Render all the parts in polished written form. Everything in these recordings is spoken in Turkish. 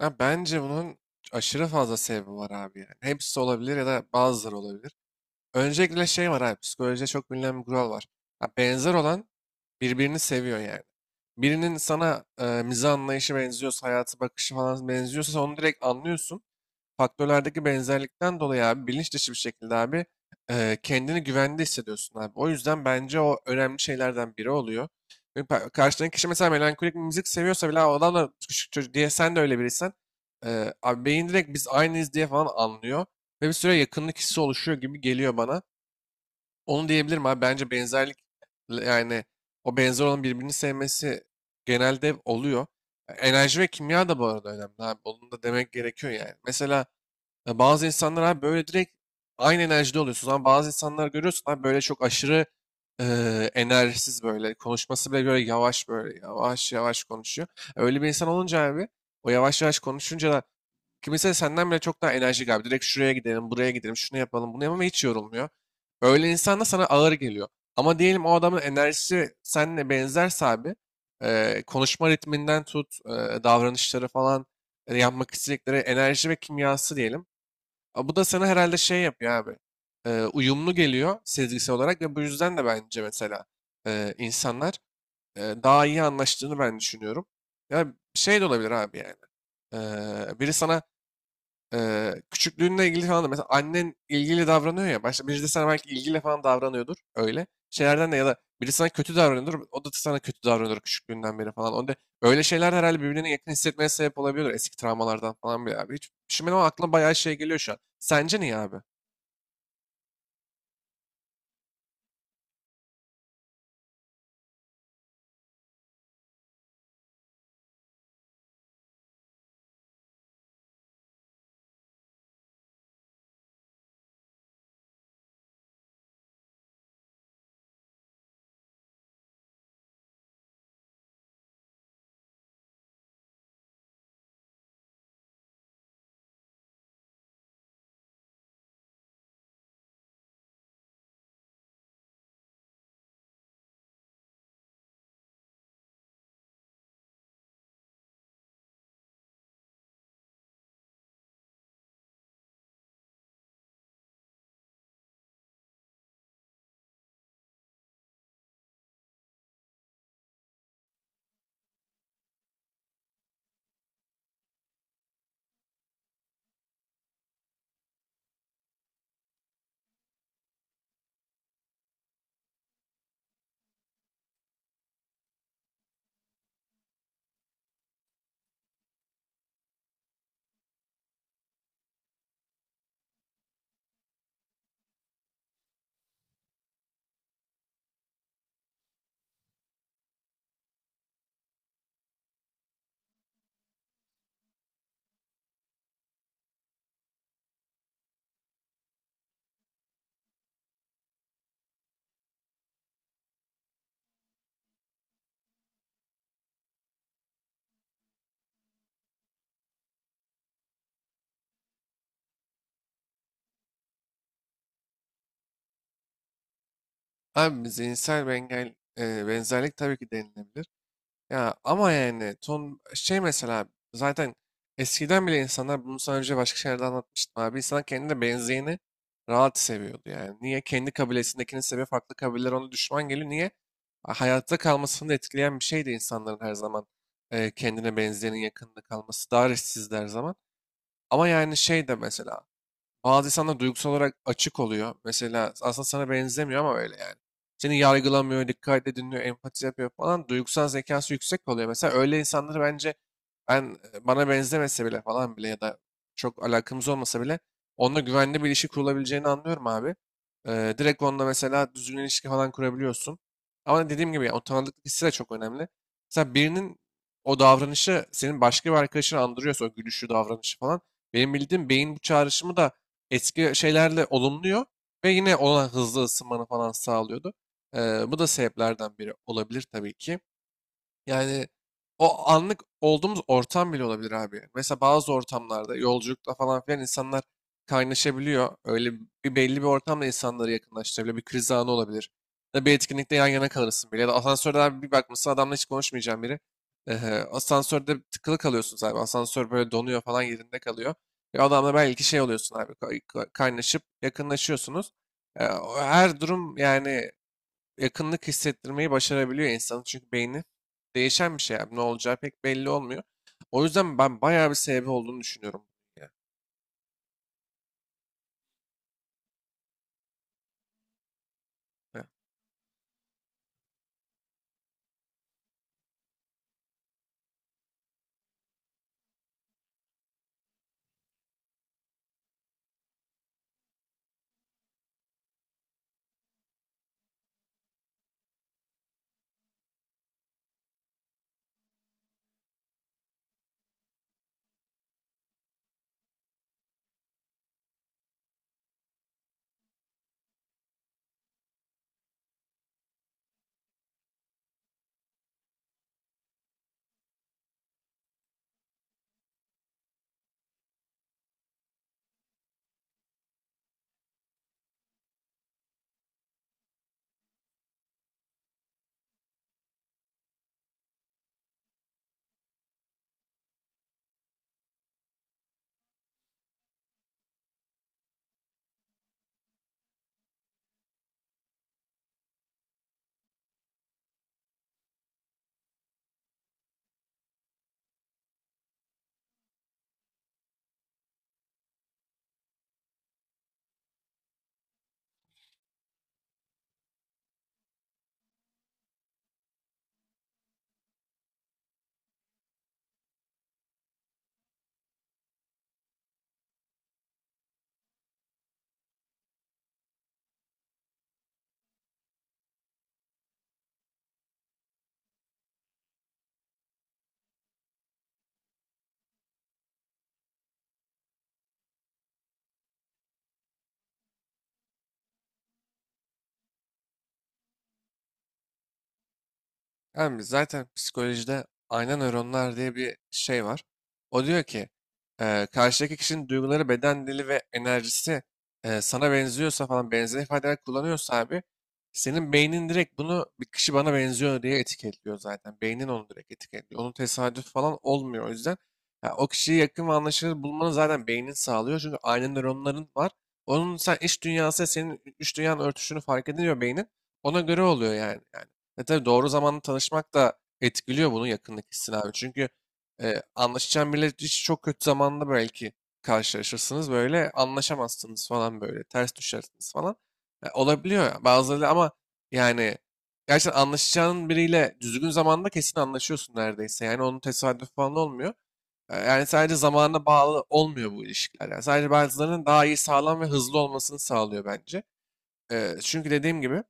Ya bence bunun aşırı fazla sebebi var abi yani. Hepsi olabilir ya da bazıları olabilir. Öncelikle şey var abi, psikolojide çok bilinen bir kural var. Ha, benzer olan birbirini seviyor yani. Birinin sana mizah anlayışı benziyorsa, hayatı bakışı falan benziyorsa sen onu direkt anlıyorsun faktörlerdeki benzerlikten dolayı abi bilinç dışı bir şekilde abi, kendini güvende hissediyorsun abi. O yüzden bence o önemli şeylerden biri oluyor. Ve karşıdaki kişi mesela melankolik bir müzik seviyorsa bile, "Aa, o adam da küçük çocuk" diye, sen de öyle biriysen abi beyin direkt "biz aynıyız" diye falan anlıyor ve bir süre yakınlık hissi oluşuyor gibi geliyor bana. Onu diyebilirim abi, bence benzerlik, yani o benzer olan birbirini sevmesi genelde oluyor. Enerji ve kimya da bu arada önemli abi. Onu da demek gerekiyor yani. Mesela ya bazı insanlar abi böyle direkt aynı enerjide oluyorsunuz, ama bazı insanlar görüyorsun abi böyle çok aşırı enerjisiz böyle. Konuşması bile böyle yavaş, böyle yavaş yavaş konuşuyor. Öyle bir insan olunca abi, o yavaş yavaş konuşunca da, kimisi senden bile çok daha enerjik abi. Direkt "şuraya gidelim, buraya gidelim, şunu yapalım, bunu yapalım" ve hiç yorulmuyor. Öyle insan da sana ağır geliyor. Ama diyelim o adamın enerjisi seninle benzerse abi, konuşma ritminden tut, davranışları falan, yapmak istedikleri, enerji ve kimyası diyelim. A, bu da sana herhalde şey yapıyor abi. Uyumlu geliyor sezgisel olarak ve bu yüzden de bence mesela insanlar daha iyi anlaştığını ben düşünüyorum. Ya şey de olabilir abi yani. Biri sana küçüklüğünle ilgili falan da, mesela annen ilgili davranıyor ya. Başta birisi de sana belki ilgiyle falan davranıyordur öyle. Şeylerden de, ya da biri sana kötü davranıyordur. O da sana kötü davranıyordur küçüklüğünden beri falan. Onda öyle şeyler de herhalde birbirine yakın hissetmeye sebep olabiliyor. Eski travmalardan falan bile abi. Hiç düşünmedim ama aklıma bayağı şey geliyor şu an. Sence niye abi? Abi zihinsel bir benzerlik tabii ki denilebilir. Ya ama yani ton şey mesela, zaten eskiden bile insanlar bunu sana önce başka şeylerde anlatmıştım abi. İnsanlar kendine benzeyeni rahat seviyordu yani. Niye? Kendi kabilesindekini seviyor. Farklı kabileler ona düşman geliyor. Niye? Hayatta kalmasını da etkileyen bir şeydi insanların her zaman kendine benzeyenin yakınında kalması. Daha eşsizdi her zaman. Ama yani şey de mesela, bazı insanlar duygusal olarak açık oluyor. Mesela aslında sana benzemiyor ama öyle yani. Seni yargılamıyor, dikkatle dinliyor, empati yapıyor falan. Duygusal zekası yüksek oluyor. Mesela öyle insanları bence ben, bana benzemese bile falan bile, ya da çok alakamız olmasa bile, onunla güvenli bir ilişki kurulabileceğini anlıyorum abi. Direkt onunla mesela düzgün ilişki falan kurabiliyorsun. Ama dediğim gibi yani, o tanıdıklık hissi de çok önemli. Mesela birinin o davranışı senin başka bir arkadaşını andırıyorsa, o gülüşü, davranışı falan. Benim bildiğim beyin bu çağrışımı da eski şeylerle olumluyor ve yine ona hızlı ısınmanı falan sağlıyordu. Bu da sebeplerden biri olabilir tabii ki. Yani o anlık olduğumuz ortam bile olabilir abi. Mesela bazı ortamlarda, yolculukta falan filan, insanlar kaynaşabiliyor. Öyle bir belli bir ortamda insanları yakınlaştırabiliyor. Bir kriz anı olabilir. Ya da bir etkinlikte yan yana kalırsın bile. Ya da asansörde abi, bir bakmışsın adamla hiç konuşmayacağım biri. Ehe, asansörde tıkılı kalıyorsun abi. Asansör böyle donuyor falan, yerinde kalıyor. Ve adamla belki şey oluyorsun abi. Kaynaşıp yakınlaşıyorsunuz. E, o Her durum yani yakınlık hissettirmeyi başarabiliyor insanı. Çünkü beyni değişen bir şey abi. Ne olacağı pek belli olmuyor. O yüzden ben bayağı bir sebebi olduğunu düşünüyorum. Ya. Ya. Yani zaten psikolojide ayna nöronlar diye bir şey var. O diyor ki, karşıdaki kişinin duyguları, beden dili ve enerjisi sana benziyorsa falan, benzer ifadeler kullanıyorsa abi, senin beynin direkt bunu "bir kişi bana benziyor" diye etiketliyor zaten. Beynin onu direkt etiketliyor. Onun tesadüf falan olmuyor o yüzden. Ya o kişiyi yakın ve anlaşılır bulmanı zaten beynin sağlıyor. Çünkü ayna nöronların var. Onun sen iç dünyası senin iç dünyanın örtüşünü fark ediliyor beynin. Ona göre oluyor yani. Yani e tabii, doğru zamanda tanışmak da etkiliyor bunu, yakınlık hissini abi. Çünkü anlaşacağın biriyle hiç çok kötü zamanda belki karşılaşırsınız böyle, anlaşamazsınız falan, böyle ters düşersiniz falan. Olabiliyor ya bazıları, ama yani gerçekten anlaşacağın biriyle düzgün zamanda kesin anlaşıyorsun neredeyse. Yani onun tesadüf falan olmuyor. Yani sadece zamana bağlı olmuyor bu ilişkiler. Yani sadece bazılarının daha iyi, sağlam ve hızlı olmasını sağlıyor bence. Çünkü dediğim gibi,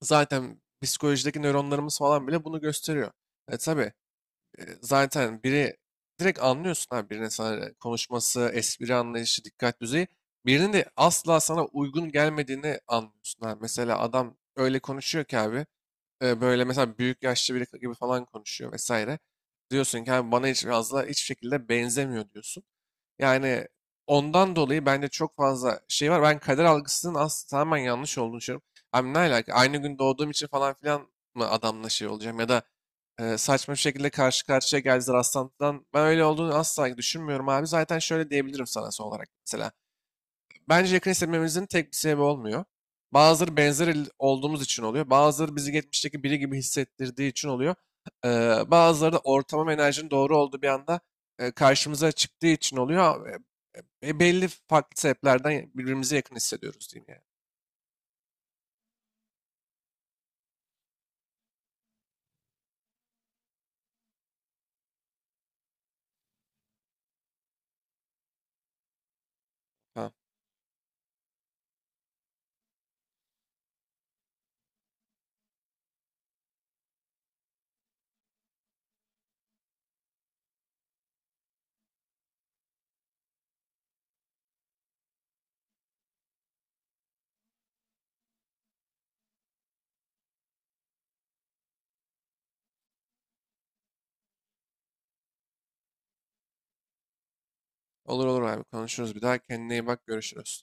zaten psikolojideki nöronlarımız falan bile bunu gösteriyor. E tabii, zaten biri, direkt anlıyorsun ha birinin sana konuşması, espri anlayışı, dikkat düzeyi. Birinin de asla sana uygun gelmediğini anlıyorsun ha. Mesela adam öyle konuşuyor ki abi, böyle mesela büyük yaşlı biri gibi falan konuşuyor vesaire. Diyorsun ki abi bana hiç fazla hiçbir şekilde benzemiyor, diyorsun. Yani ondan dolayı bence çok fazla şey var. Ben kader algısının aslında tamamen yanlış olduğunu düşünüyorum. Abi ne alaka? Aynı gün doğduğum için falan filan mı adamla şey olacağım? Ya da saçma bir şekilde karşı karşıya geldiler rastlantıdan. Ben öyle olduğunu asla düşünmüyorum abi. Zaten şöyle diyebilirim sana son olarak, mesela bence yakın hissetmemizin tek bir sebebi olmuyor. Bazıları olduğumuz için oluyor. Bazıları bizi geçmişteki biri gibi hissettirdiği için oluyor. Bazıları da ortamın ve enerjinin doğru olduğu bir anda karşımıza çıktığı için oluyor. Belli farklı sebeplerden birbirimize yakın hissediyoruz diyeyim yani. Tamam. Olur olur abi, konuşuruz bir daha. Kendine iyi bak, görüşürüz.